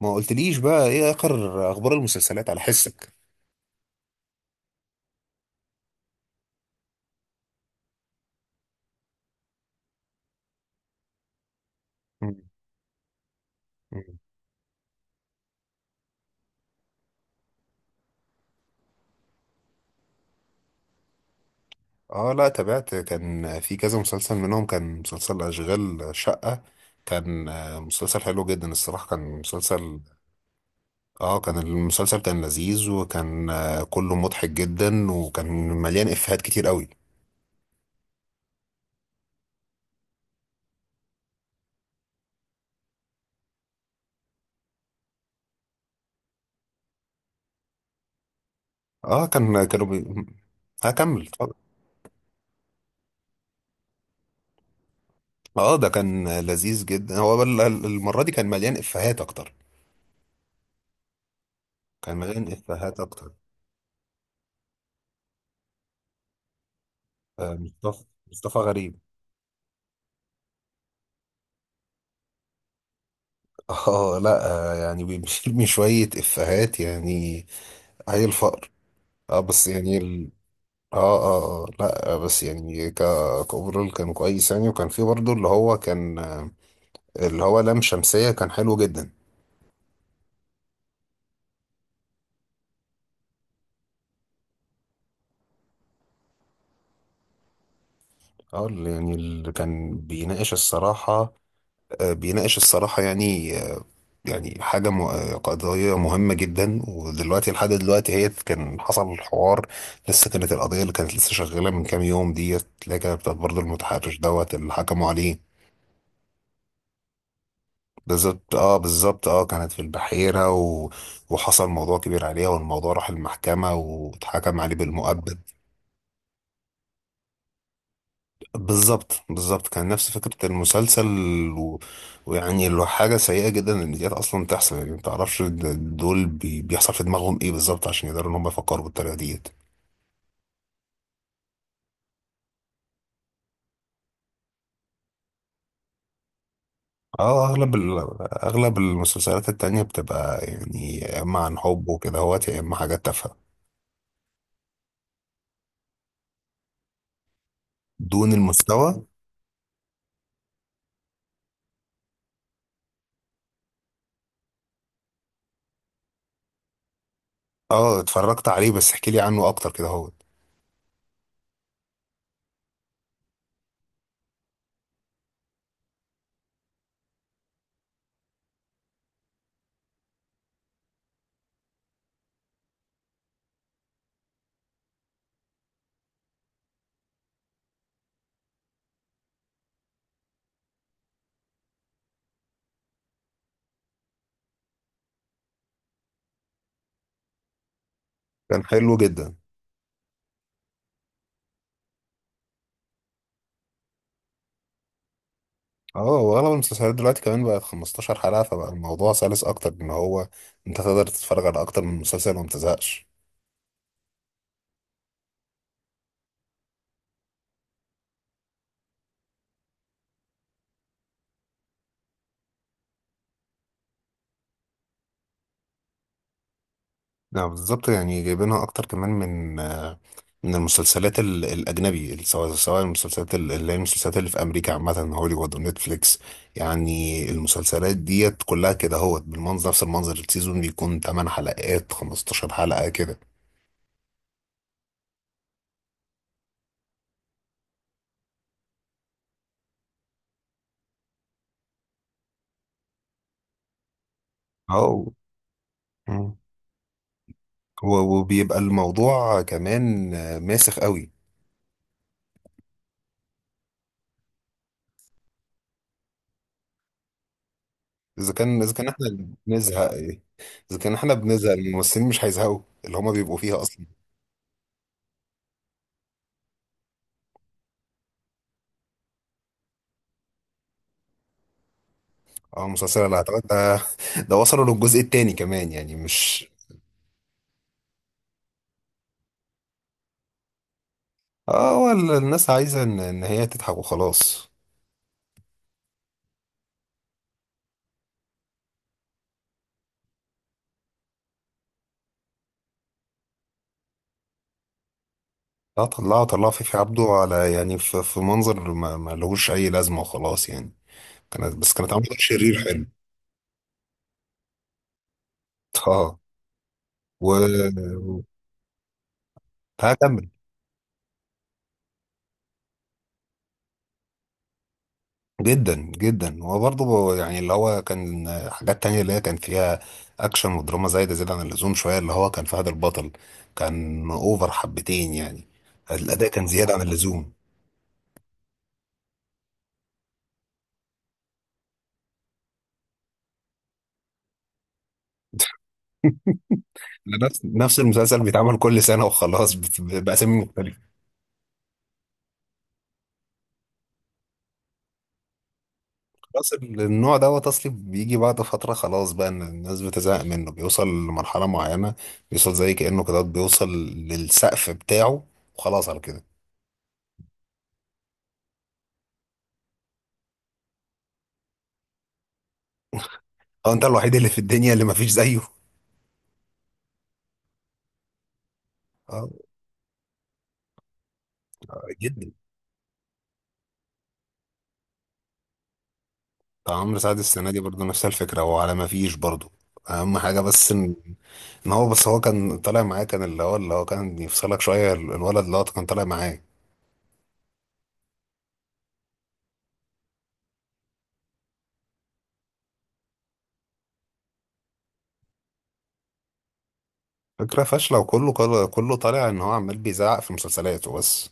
ما قلتليش بقى ايه اخر اخبار المسلسلات على حسك؟ مم. مم. اه لا، تابعت. كان في كذا مسلسل منهم، كان مسلسل اشغال شقة. كان مسلسل حلو جدا الصراحة. كان مسلسل اه كان المسلسل كان لذيذ، وكان كله مضحك جدا، وكان مليان افيهات كتير قوي. اه كان هكمل اتفضل. اه ده كان لذيذ جدا. هو المرة دي كان مليان افيهات اكتر. كان مليان افيهات اكتر. آه، مصطفى. مصطفى غريب. اه لا، يعني بيرمي شوية إفيهات يعني. هي الفقر. اه بس يعني اه اه. اه لا، بس يعني كأوفرول كان كويس يعني. وكان في برضه اللي هو كان اللي هو لام شمسية، كان حلو جدا. اه اللي يعني اللي كان بيناقش الصراحة، بيناقش الصراحة يعني. يعني قضية مهمة جدا. ودلوقتي لحد دلوقتي هي كان حصل الحوار. لسه كانت القضية اللي كانت لسه شغالة من كام يوم ديت، اللي هي كانت بتاعت برضه المتحرش دوت اللي حكموا عليه. بالظبط، اه بالظبط، اه كانت في البحيرة، وحصل موضوع كبير عليها، والموضوع راح المحكمة واتحكم عليه بالمؤبد. بالظبط بالظبط، كان نفس فكرة المسلسل. و... ويعني اللي هو حاجة سيئة جدا ان ديت اصلا تحصل. يعني ما تعرفش دول بيحصل في دماغهم ايه بالظبط عشان يقدروا ان هم يفكروا بالطريقة ديت. اه اغلب المسلسلات التانية بتبقى يعني، يا اما عن حب وكده هوت، يا اما حاجات تافهة دون المستوى. اه اتفرجت عليه، بس احكي لي عنه اكتر كده هوت. كان حلو جدا. اه واغلب المسلسلات دلوقتي كمان بقت 15 حلقة، فبقى الموضوع سلس اكتر ان هو انت تقدر تتفرج على اكتر من مسلسل وما تزهقش. لا بالظبط، يعني جايبينها اكتر كمان من من المسلسلات الاجنبي. سواء المسلسلات اللي هي المسلسلات اللي في امريكا، عامة هوليوود ونتفليكس. يعني المسلسلات ديت كلها كده هوت بالمنظر، نفس المنظر. السيزون بيكون 8 حلقات، 15 حلقة كده. اه وبيبقى الموضوع كمان ماسخ قوي. اذا كان احنا اللي بنزهق، ايه؟ اذا كان احنا بنزهق، الممثلين مش هيزهقوا اللي هما بيبقوا فيها اصلا. اه المسلسل اللي اعتقد ده، ده وصلوا للجزء التاني كمان يعني مش. اه هو الناس عايزه ان هي تضحك وخلاص. لا طلعوا، فيفي عبده على يعني في منظر ما، ما لهوش اي لازمه وخلاص يعني. كانت بس كانت عامله دور شرير حلو. اه و هكمل. جدا جدا. هو برضه يعني اللي هو كان حاجات تانية اللي هي كان فيها اكشن ودراما زايدة زيادة عن اللزوم شوية. اللي هو كان فهد البطل، كان اوفر حبتين يعني. الاداء كان زيادة عن اللزوم. نفس المسلسل بيتعمل كل سنة وخلاص، بأسامي مختلفة. خلاص النوع دوت اصلي بيجي بعد فترة. خلاص بقى ان الناس بتزهق منه، بيوصل لمرحلة معينة. بيوصل زي كأنه كده، بيوصل للسقف بتاعه وخلاص على كده. اه انت الوحيد اللي في الدنيا اللي مفيش زيه. اه جدا. بتاع عمرو سعد السنه دي برضه نفس الفكره، هو على ما فيش برضه. اهم حاجه بس ان، إن هو بس هو كان طالع معاه. كان اللي هو كان يفصلك شويه، الولد اللي هو كان طالع معاه. فكره فاشله، وكله كله كله طالع ان هو عمال بيزعق في مسلسلاته بس.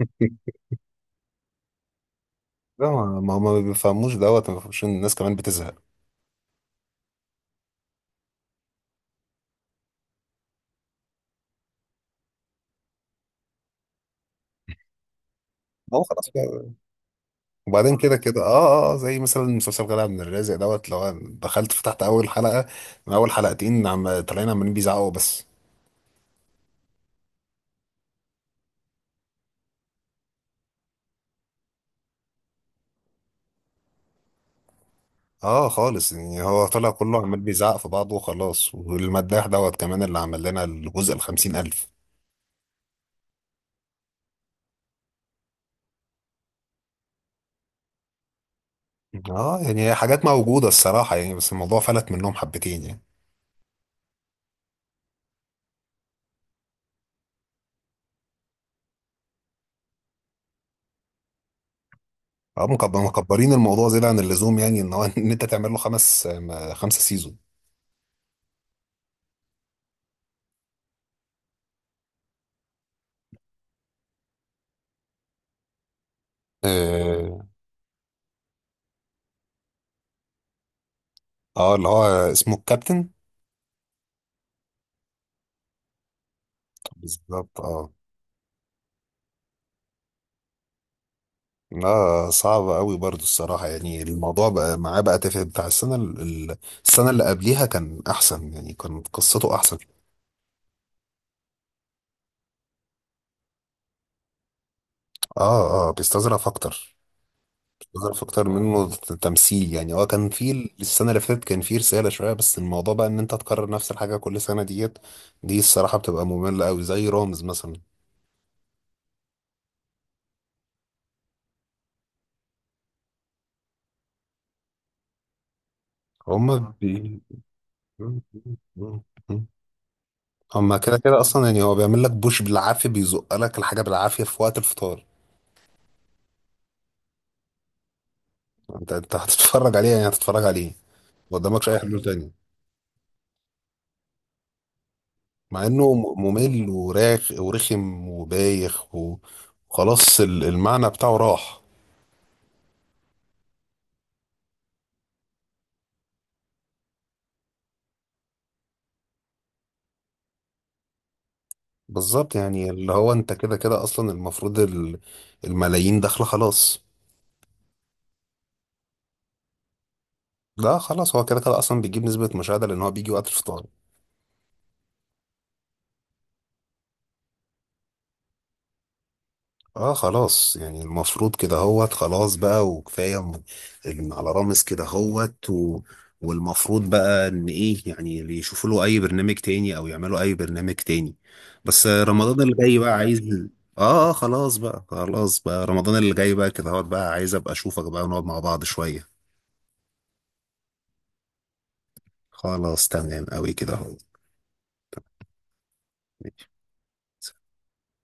لا، ما بيفهموش دوت، ما بيفهموش ان الناس كمان بتزهق. هو خلاص بقى. وبعدين كده كده اه اه زي مثلا مسلسل غلا عبد الرازق دوت، لو أنا دخلت فتحت اول حلقه، من اول حلقتين عم طالعين عمالين بيزعقوا بس. اه خالص، يعني هو طلع كله عمال بيزعق في بعضه وخلاص. والمداح دوت كمان، اللي عمل لنا الجزء الخمسين ألف. اه يعني حاجات موجودة الصراحة يعني، بس الموضوع فلت منهم حبتين يعني. اه مكبرين الموضوع زيادة عن اللزوم يعني. ان هو ان انت تعمل له خمسة سيزون. اه اللي هو اسمه الكابتن. بالظبط اه. لا صعب قوي برضو الصراحة يعني. الموضوع بقى معاه بقى تافه. بتاع السنة السنة اللي قبليها كان أحسن يعني، كان قصته أحسن. اه اه، بيستظرف أكتر. ظرف اكتر منه تمثيل يعني. اه كان في السنه اللي فاتت كان في رساله شويه، بس الموضوع بقى ان انت تكرر نفس الحاجه كل سنه ديت. دي الصراحه بتبقى ممله قوي، زي رامز مثلا. هما اه هما كده كده اصلا يعني. هو بيعمل لك بوش بالعافيه، بيزق لك الحاجه بالعافيه في وقت الفطار. انت هتتفرج عليه يعني، هتتفرج عليه. ما قدامكش اي حلول تاني. مع انه ممل وراخ ورخم وبايخ وخلاص، المعنى بتاعه راح. بالظبط، يعني اللي هو انت كده كده اصلا المفروض الملايين داخله خلاص. لا خلاص، هو كده كده اصلا بيجيب نسبة مشاهدة لان هو بيجي وقت الفطار. اه خلاص يعني المفروض كده هوت. خلاص بقى وكفاية إن على رامز كده هوت. والمفروض بقى ان ايه يعني، اللي يشوفوا له اي برنامج تاني او يعملوا اي برنامج تاني. بس رمضان اللي جاي بقى عايز. اه اه، خلاص بقى، خلاص بقى. رمضان اللي جاي بقى كده هوت، بقى عايز ابقى اشوفك بقى ونقعد مع بعض شوية. خلاص تمام قوي كده. ماشي.